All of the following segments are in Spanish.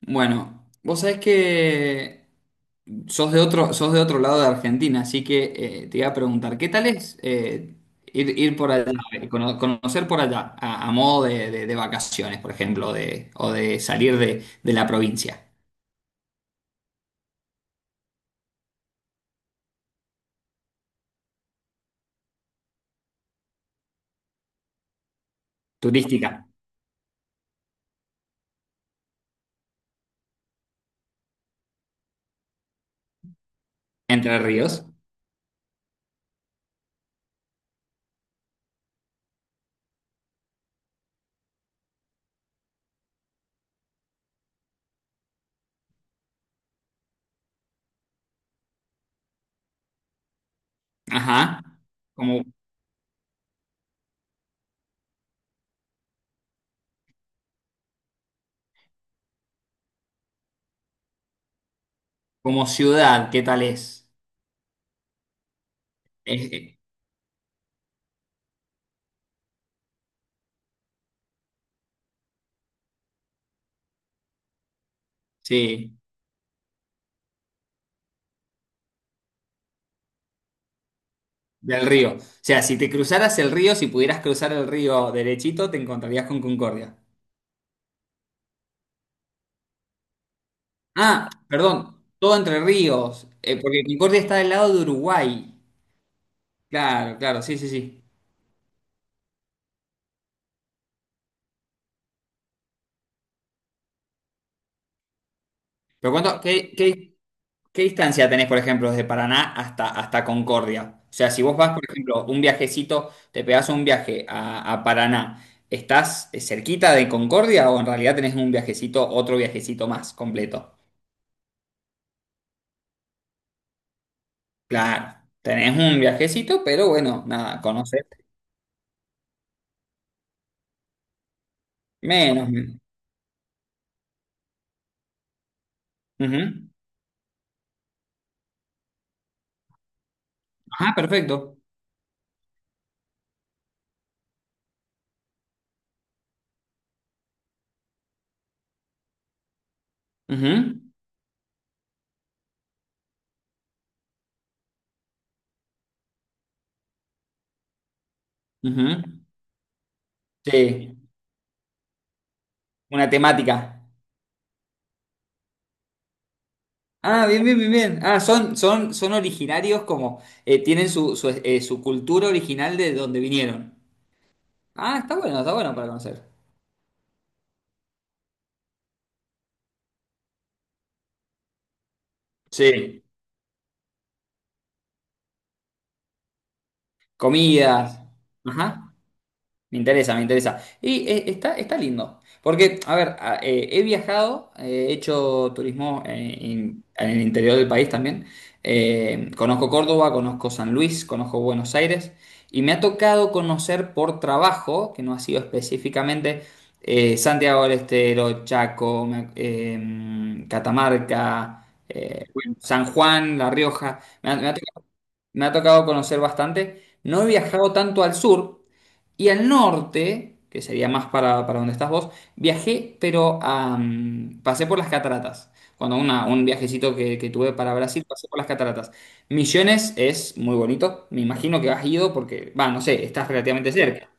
Bueno, vos sabés que sos de otro lado de Argentina, así que te iba a preguntar, ¿qué tal es ir por allá, conocer por allá, a modo de vacaciones, por ejemplo, de, o de salir de la provincia turística, Entre Ríos? Ajá. Como, como ciudad, ¿qué tal es? Eh, eh, sí, del río. O sea, si te cruzaras el río, si pudieras cruzar el río derechito, te encontrarías con Concordia. Ah, perdón, todo Entre Ríos, porque Concordia está del lado de Uruguay. Claro, claro, sí, sí, sí. Pero cuánto, qué distancia tenés, por ejemplo, desde Paraná hasta, hasta Concordia? O sea, si vos vas, por ejemplo, un viajecito, te pegás un viaje a Paraná, ¿estás cerquita de Concordia o en realidad tenés un viajecito, otro viajecito más completo? Claro, tenés un viajecito, pero bueno, nada, conocés menos. Menos. Ujú. Ajá, perfecto. Ujú, ujú. Sí. Una temática. Ah, bien, bien, bien, bien. Ah, son, son, son originarios como tienen su, su, su cultura original de donde vinieron. Ah, está bueno para conocer. Sí. Comidas. Ajá. Me interesa, me interesa. Y está, está lindo. Porque, a ver, he viajado, he hecho turismo en el interior del país también. Conozco Córdoba, conozco San Luis, conozco Buenos Aires. Y me ha tocado conocer por trabajo, que no ha sido específicamente, Santiago del Estero, Chaco, Catamarca, bueno, San Juan, La Rioja. Me ha tocado conocer bastante. No he viajado tanto al sur. Y al norte, que sería más para donde estás vos, viajé, pero a, pasé por las cataratas. Cuando un viajecito que tuve para Brasil, pasé por las cataratas. Misiones es muy bonito. Me imagino que has ido porque, va, no sé, estás relativamente cerca.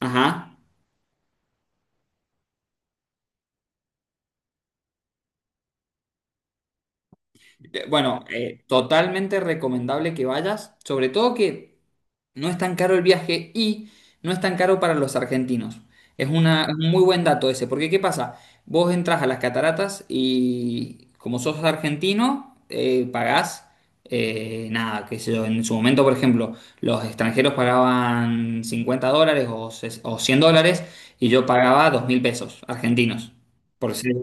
Ajá. Bueno, totalmente recomendable que vayas, sobre todo que no es tan caro el viaje y no es tan caro para los argentinos. Es una, es un muy buen dato ese, porque ¿qué pasa? Vos entras a las cataratas y como sos argentino, pagás nada, qué sé yo, en su momento, por ejemplo, los extranjeros pagaban $50 o $100 y yo pagaba 2.000 pesos argentinos. por ser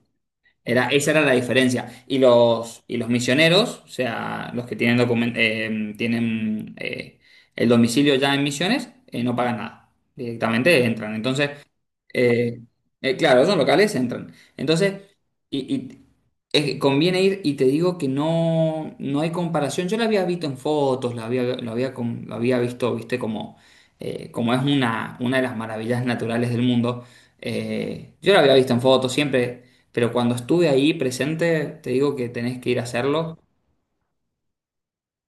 era, esa era la diferencia. Y los misioneros, o sea, los que tienen el domicilio ya en Misiones, no pagan nada. Directamente entran. Entonces, eh, claro, son locales, entran. Entonces, y es que conviene ir y te digo que no, no hay comparación. Yo la había visto en fotos, la había, lo había, con- lo había visto, viste, como, como es una de las maravillas naturales del mundo. Yo la había visto en fotos siempre, pero cuando estuve ahí presente, te digo que tenés que ir a hacerlo.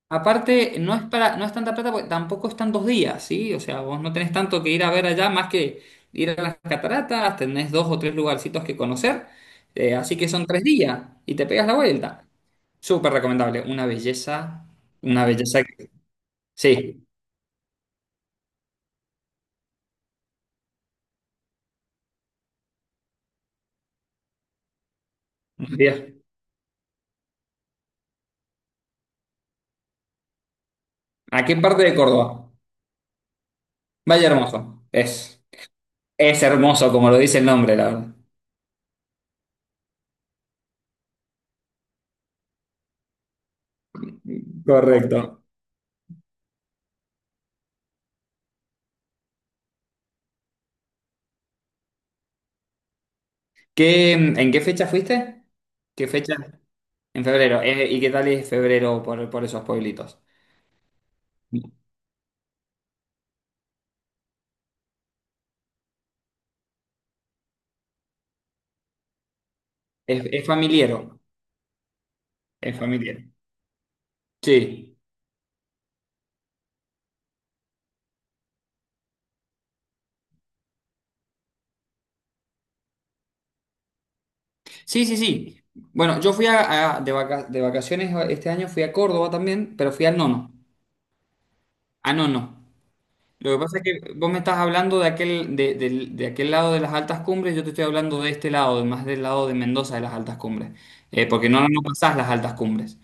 Aparte, no es para, no es tanta plata porque tampoco están 2 días, ¿sí? O sea, vos no tenés tanto que ir a ver allá más que ir a las cataratas, tenés dos o tres lugarcitos que conocer, así que son 3 días y te pegas la vuelta. Súper recomendable, una belleza que... Sí, unos días. ¿A qué parte de Córdoba? Valle Hermoso, es. Es hermoso, como lo dice el nombre, la verdad. Correcto. ¿Qué, en qué fecha fuiste? ¿Qué fecha? En febrero. ¿Y qué tal es febrero por esos pueblitos? Es familiero. Es familiar. Sí. Sí, sí, sí. Bueno, yo fui de vacaciones este año, fui a Córdoba también, pero fui a Nono. A Nono. Lo que pasa es que vos me estás hablando de aquel, de aquel lado de las altas cumbres, yo te estoy hablando de este lado, de más del lado de Mendoza de las altas cumbres. Porque no, no pasás las altas cumbres.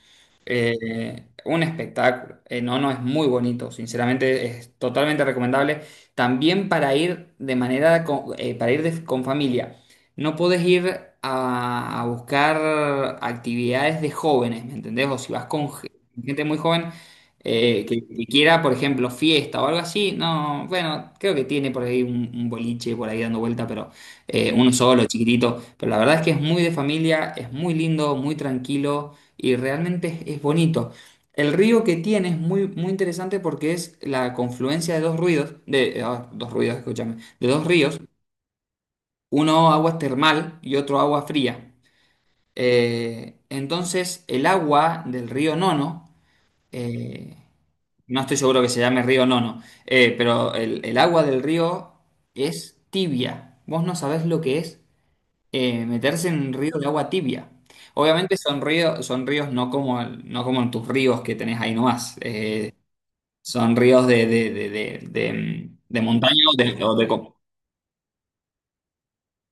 Un espectáculo. No, no, es muy bonito, sinceramente es totalmente recomendable. También para ir de manera, para ir con familia, no podés ir a buscar actividades de jóvenes, ¿me entendés? O si vas con gente muy joven, que quiera, por ejemplo, fiesta o algo así, no, bueno, creo que tiene por ahí un boliche por ahí dando vuelta, pero uno solo, chiquitito, pero la verdad es que es muy de familia, es muy lindo, muy tranquilo y realmente es bonito. El río que tiene es muy, muy interesante porque es la confluencia de dos ruidos, dos ruidos, escúchame, de dos ríos, uno agua termal y otro agua fría. Entonces, el agua del río Nono, eh, no estoy seguro que se llame río Nono, pero el agua del río es tibia. Vos no sabés lo que es meterse en un río de agua tibia. Obviamente son ríos no como, no como en tus ríos que tenés ahí nomás. Son ríos de montaña o de,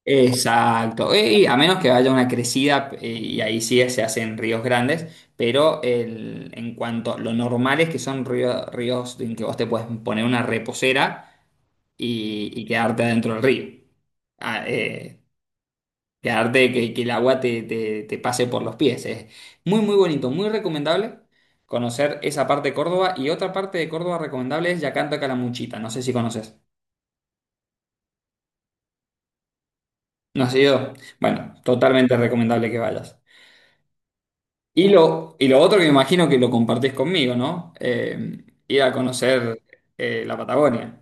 Exacto. Y a menos que haya una crecida y ahí sí se hacen ríos grandes, pero en cuanto lo normal es que son ríos en que vos te puedes poner una reposera y quedarte adentro del río. Ah, eh, quedarte que, que el agua te pase por los pies. Es muy, muy bonito, muy recomendable conocer esa parte de Córdoba. Y otra parte de Córdoba recomendable es Yacanta Calamuchita. No sé si conoces. No sé yo. Bueno, totalmente recomendable que vayas. Y lo otro que me imagino que lo compartís conmigo, ¿no? Ir a conocer la Patagonia.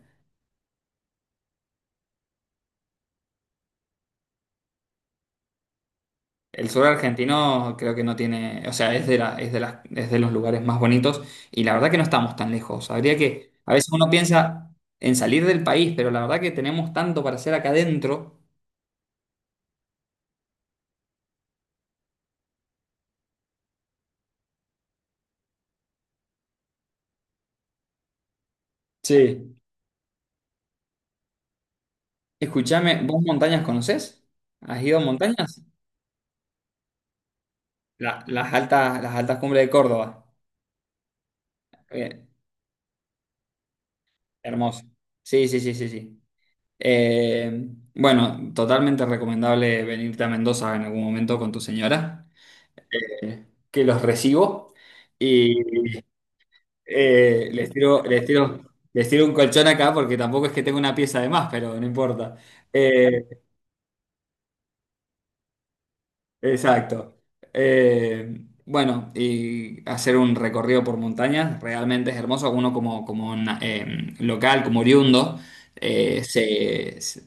El sur argentino creo que no tiene, o sea, es de es de las, es de los lugares más bonitos y la verdad que no estamos tan lejos. Habría que, a veces uno piensa en salir del país, pero la verdad que tenemos tanto para hacer acá adentro. Sí. Escúchame, ¿vos montañas conocés? ¿Has ido a montañas? Las altas cumbres de Córdoba. Bien, hermoso. Sí, sí, sí, sí, sí. Eh, bueno, totalmente recomendable venirte a Mendoza en algún momento con tu señora, que los recibo. Eh, les tiro, les tiro, les tiro un colchón acá porque tampoco es que tenga una pieza de más, pero no importa. Eh, exacto. Eh, bueno, y hacer un recorrido por montañas realmente es hermoso. Uno como, local, como oriundo, eh, se, se-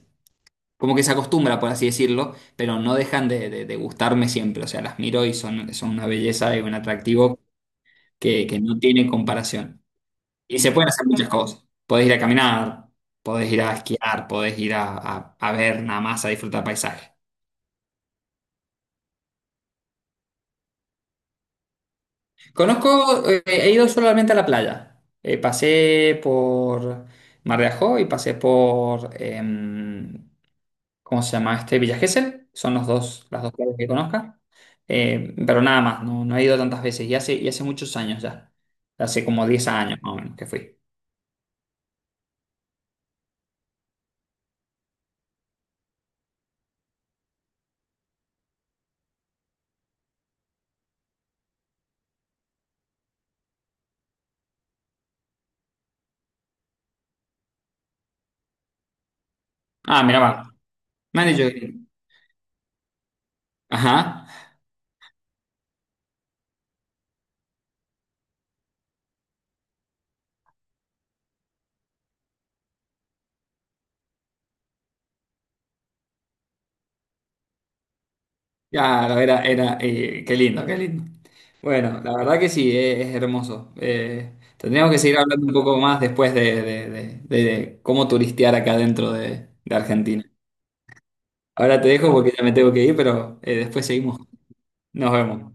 como que se acostumbra, por así decirlo, pero no dejan de gustarme siempre. O sea, las miro y son, son una belleza y un atractivo que no tiene comparación. Y se pueden hacer muchas cosas. Podés ir a caminar, podés ir a esquiar, podés ir a ver nada más, a disfrutar paisaje. Conozco, he ido solamente a la playa. Pasé por Mar de Ajó y pasé por, ¿cómo se llama este? Villa Gesell. Son los dos, las dos playas que conozca. Pero nada más, no, no he ido tantas veces. Y hace muchos años ya. Hace como 10 años más o menos que fui. Ah, mira, va. Me han dicho que- Ajá. Claro, era, era, qué lindo, qué lindo. Bueno, la verdad que sí, es, hermoso. Tendríamos que seguir hablando un poco más después de, de cómo turistear acá dentro de Argentina. Ahora te dejo porque ya me tengo que ir, pero después seguimos. Nos vemos.